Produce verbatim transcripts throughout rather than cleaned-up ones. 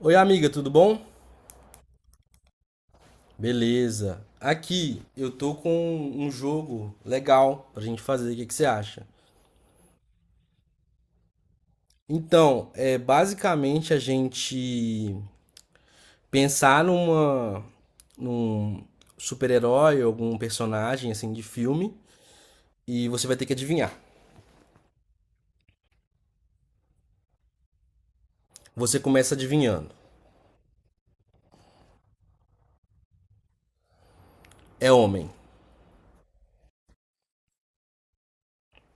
Oi, amiga, tudo bom? Beleza. Aqui eu tô com um jogo legal pra gente fazer. O que que você acha? Então, é basicamente a gente pensar numa num super-herói, algum personagem assim de filme e você vai ter que adivinhar. Você começa adivinhando. É homem.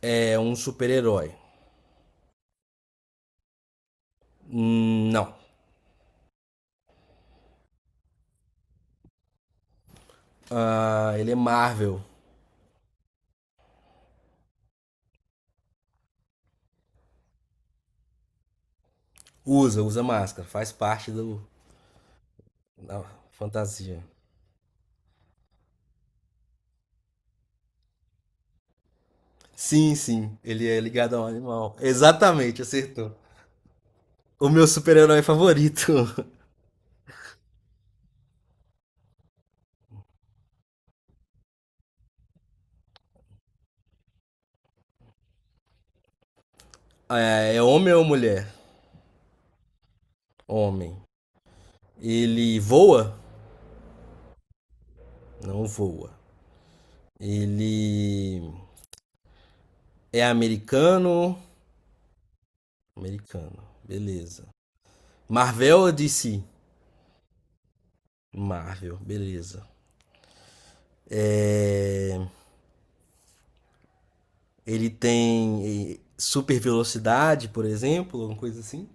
É um super-herói. Hum, Não. Ah, ele é Marvel. Usa, usa máscara, faz parte do da fantasia. Sim, sim, ele é ligado a um animal. Exatamente, acertou. O meu super-herói favorito. é, é homem ou mulher? Homem. Ele voa? Não voa. Ele é americano? Americano, beleza. Marvel ou D C? Marvel, beleza. É, Ele tem eh, super velocidade, por exemplo, uma coisa assim?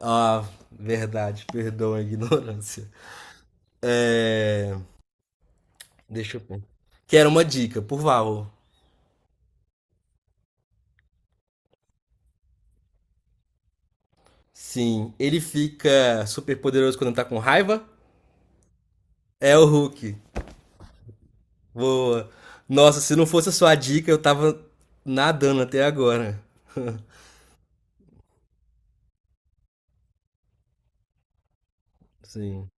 Ah, verdade, perdão a ignorância. É, Deixa eu pôr. Que era uma dica, por favor. Sim, ele fica super poderoso quando tá com raiva. É o Hulk. Boa. Nossa, se não fosse a sua dica, eu tava nadando até agora. Sim.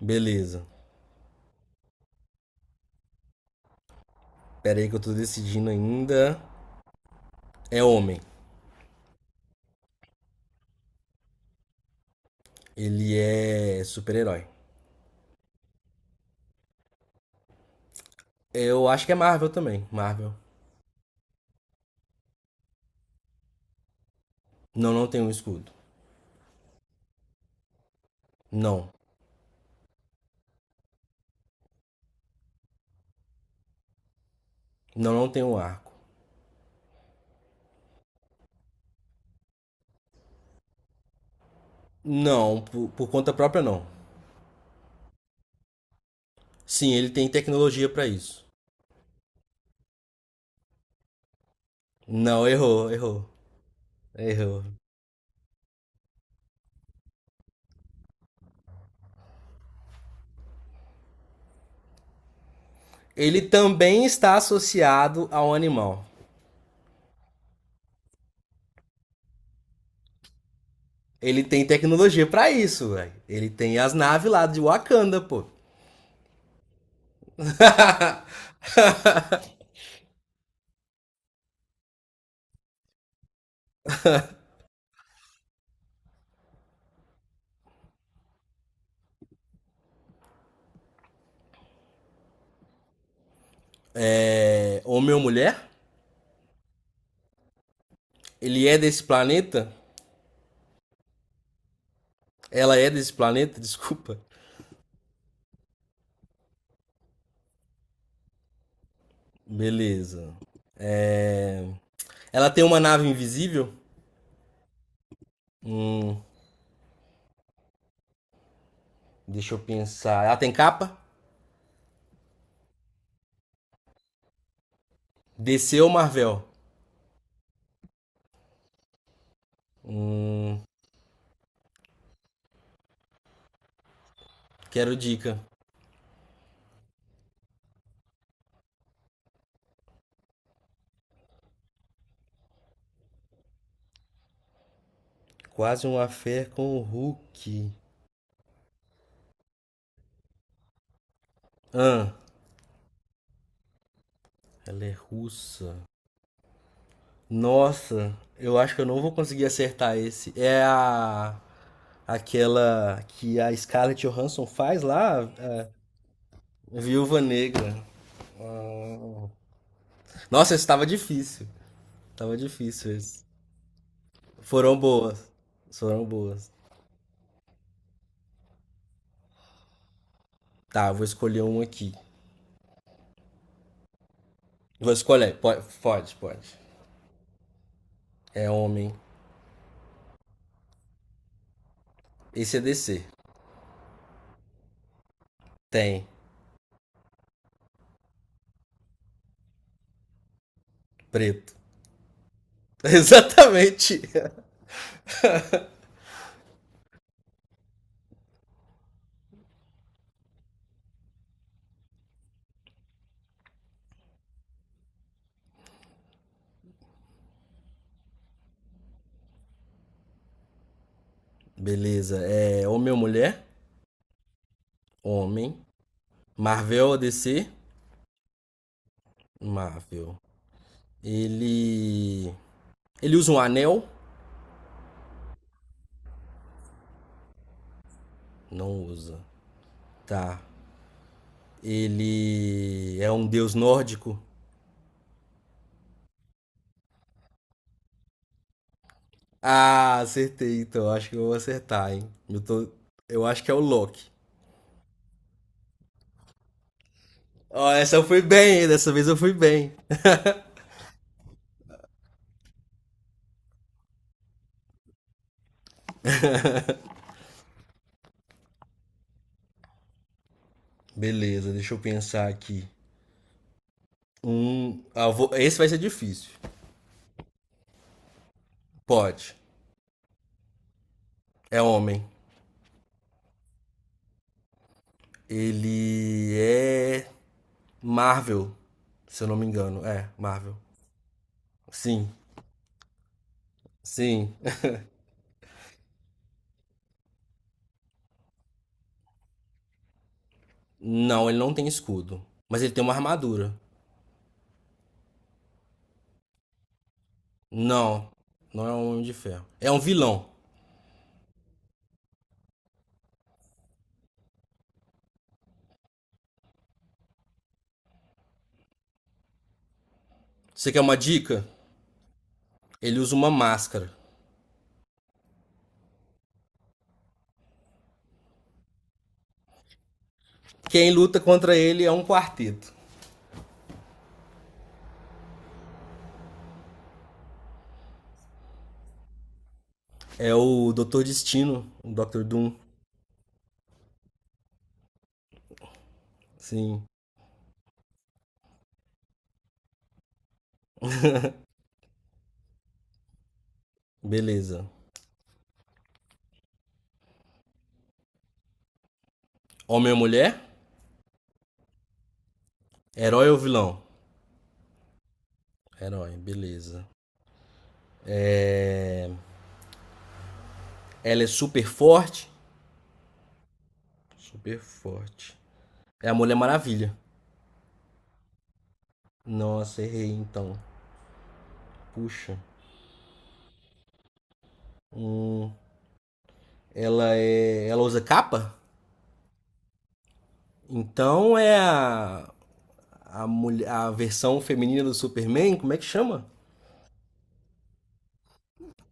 Beleza. Pera aí que eu tô decidindo ainda. É homem. Ele é super-herói. Eu acho que é Marvel também. Marvel. Não, não tem um escudo. Não. Não, não tem um arco. Não, por, por conta própria não. Sim, ele tem tecnologia pra isso. Não, errou, errou. Errou. Ele também está associado a um animal. Ele tem tecnologia pra isso, velho. Ele tem as naves lá de Wakanda, pô. é... Homem ou mulher? Ele é desse planeta? Ela é desse planeta? Desculpa. Beleza. É... Ela tem uma nave invisível? Hum, deixa eu pensar. Ela tem capa? D C ou Marvel? Quero dica. Quase uma fé com o Hulk. Ah, ela é russa. Nossa, eu acho que eu não vou conseguir acertar esse. É a aquela que a Scarlett Johansson faz lá, a Viúva Negra. Ah. Nossa, esse tava difícil. Tava difícil esse. Foram boas. Foram boas. Tá, eu vou escolher um aqui. Vou escolher. po- Pode, pode. É homem. Esse é D C. Tem. Preto. Exatamente. Beleza. É homem ou mulher? Homem. Marvel ou D C? Marvel. Ele. Ele usa um anel? Não usa. Tá. Ele é um deus nórdico? Ah, acertei, então. Acho que eu vou acertar, hein? Eu, tô... eu acho que é o Loki. Ó, essa eu fui bem, hein? Dessa vez eu fui bem. Beleza, deixa eu pensar aqui. Um. ah, eu vou- Esse vai ser difícil. Pode. É homem. Ele é. Marvel. Se eu não me engano. É, Marvel. Sim, sim. Não, ele não tem escudo. Mas ele tem uma armadura. Não, não é um homem de ferro. É um vilão. Você quer uma dica? Ele usa uma máscara. Quem luta contra ele é um quarteto. É o doutor Destino, o doutor Doom. Sim, beleza. Homem ou mulher? Herói ou vilão? Herói, beleza. Ela é super forte? Super forte. É a Mulher Maravilha. Nossa, errei então. Puxa. Hum, ela é. Ela usa capa? Então é a, a, mulher, a versão feminina do Superman, como é que chama?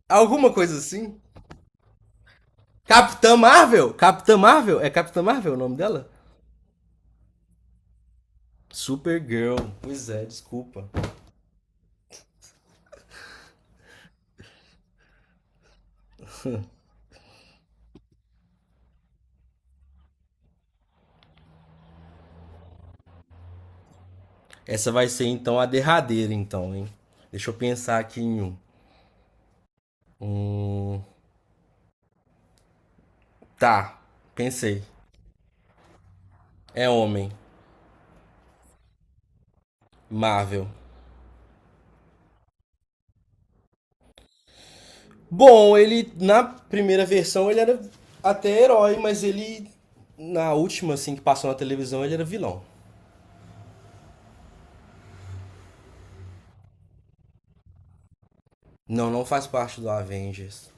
Alguma coisa assim. Capitã Marvel? Capitã Marvel? É Capitã Marvel o nome dela? Supergirl. Pois é, desculpa. Essa vai ser então a derradeira, então, hein? Deixa eu pensar aqui em um. Tá, pensei. É homem. Marvel. Bom, ele na primeira versão ele era até herói, mas ele na última assim que passou na televisão ele era vilão. Não, não faz parte do Avengers.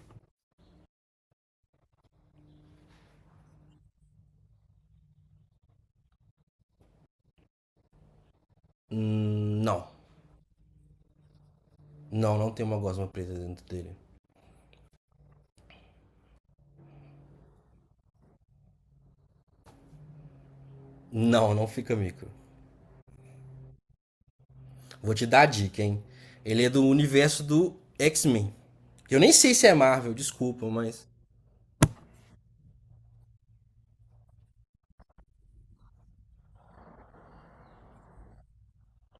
Hum, não. Não, não tem uma gosma preta dentro dele. Não, não fica micro. Vou te dar a dica, hein? Ele é do universo do X-Men. Eu nem sei se é Marvel, desculpa, mas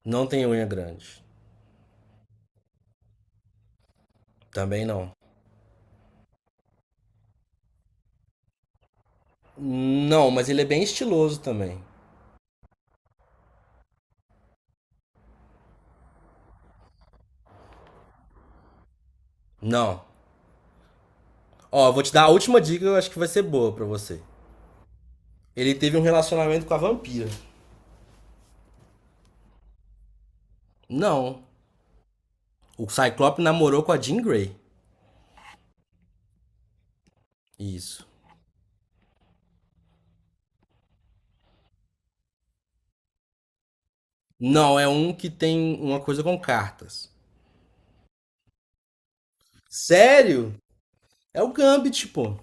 não tem unha grande. Também não. Não, mas ele é bem estiloso também. Não. Ó, eu vou te dar a última dica, eu acho que vai ser boa pra você. Ele teve um relacionamento com a vampira. Não. O Cyclope namorou com a Jean Grey. Isso. Não, é um que tem uma coisa com cartas. Sério? É o Gambit, pô.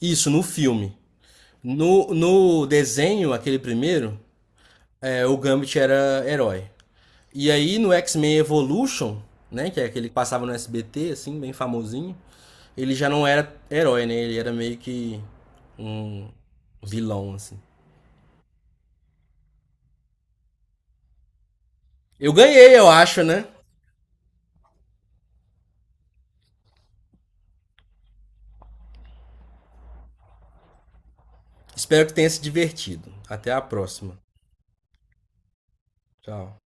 Isso, no filme. No, no desenho, aquele primeiro, é, o Gambit era herói. E aí no X-Men Evolution, né, que é aquele que passava no S B T, assim, bem famosinho, ele já não era herói, né? Ele era meio que um vilão, assim. Eu ganhei, eu acho, né? Espero que tenha se divertido. Até a próxima. Tchau.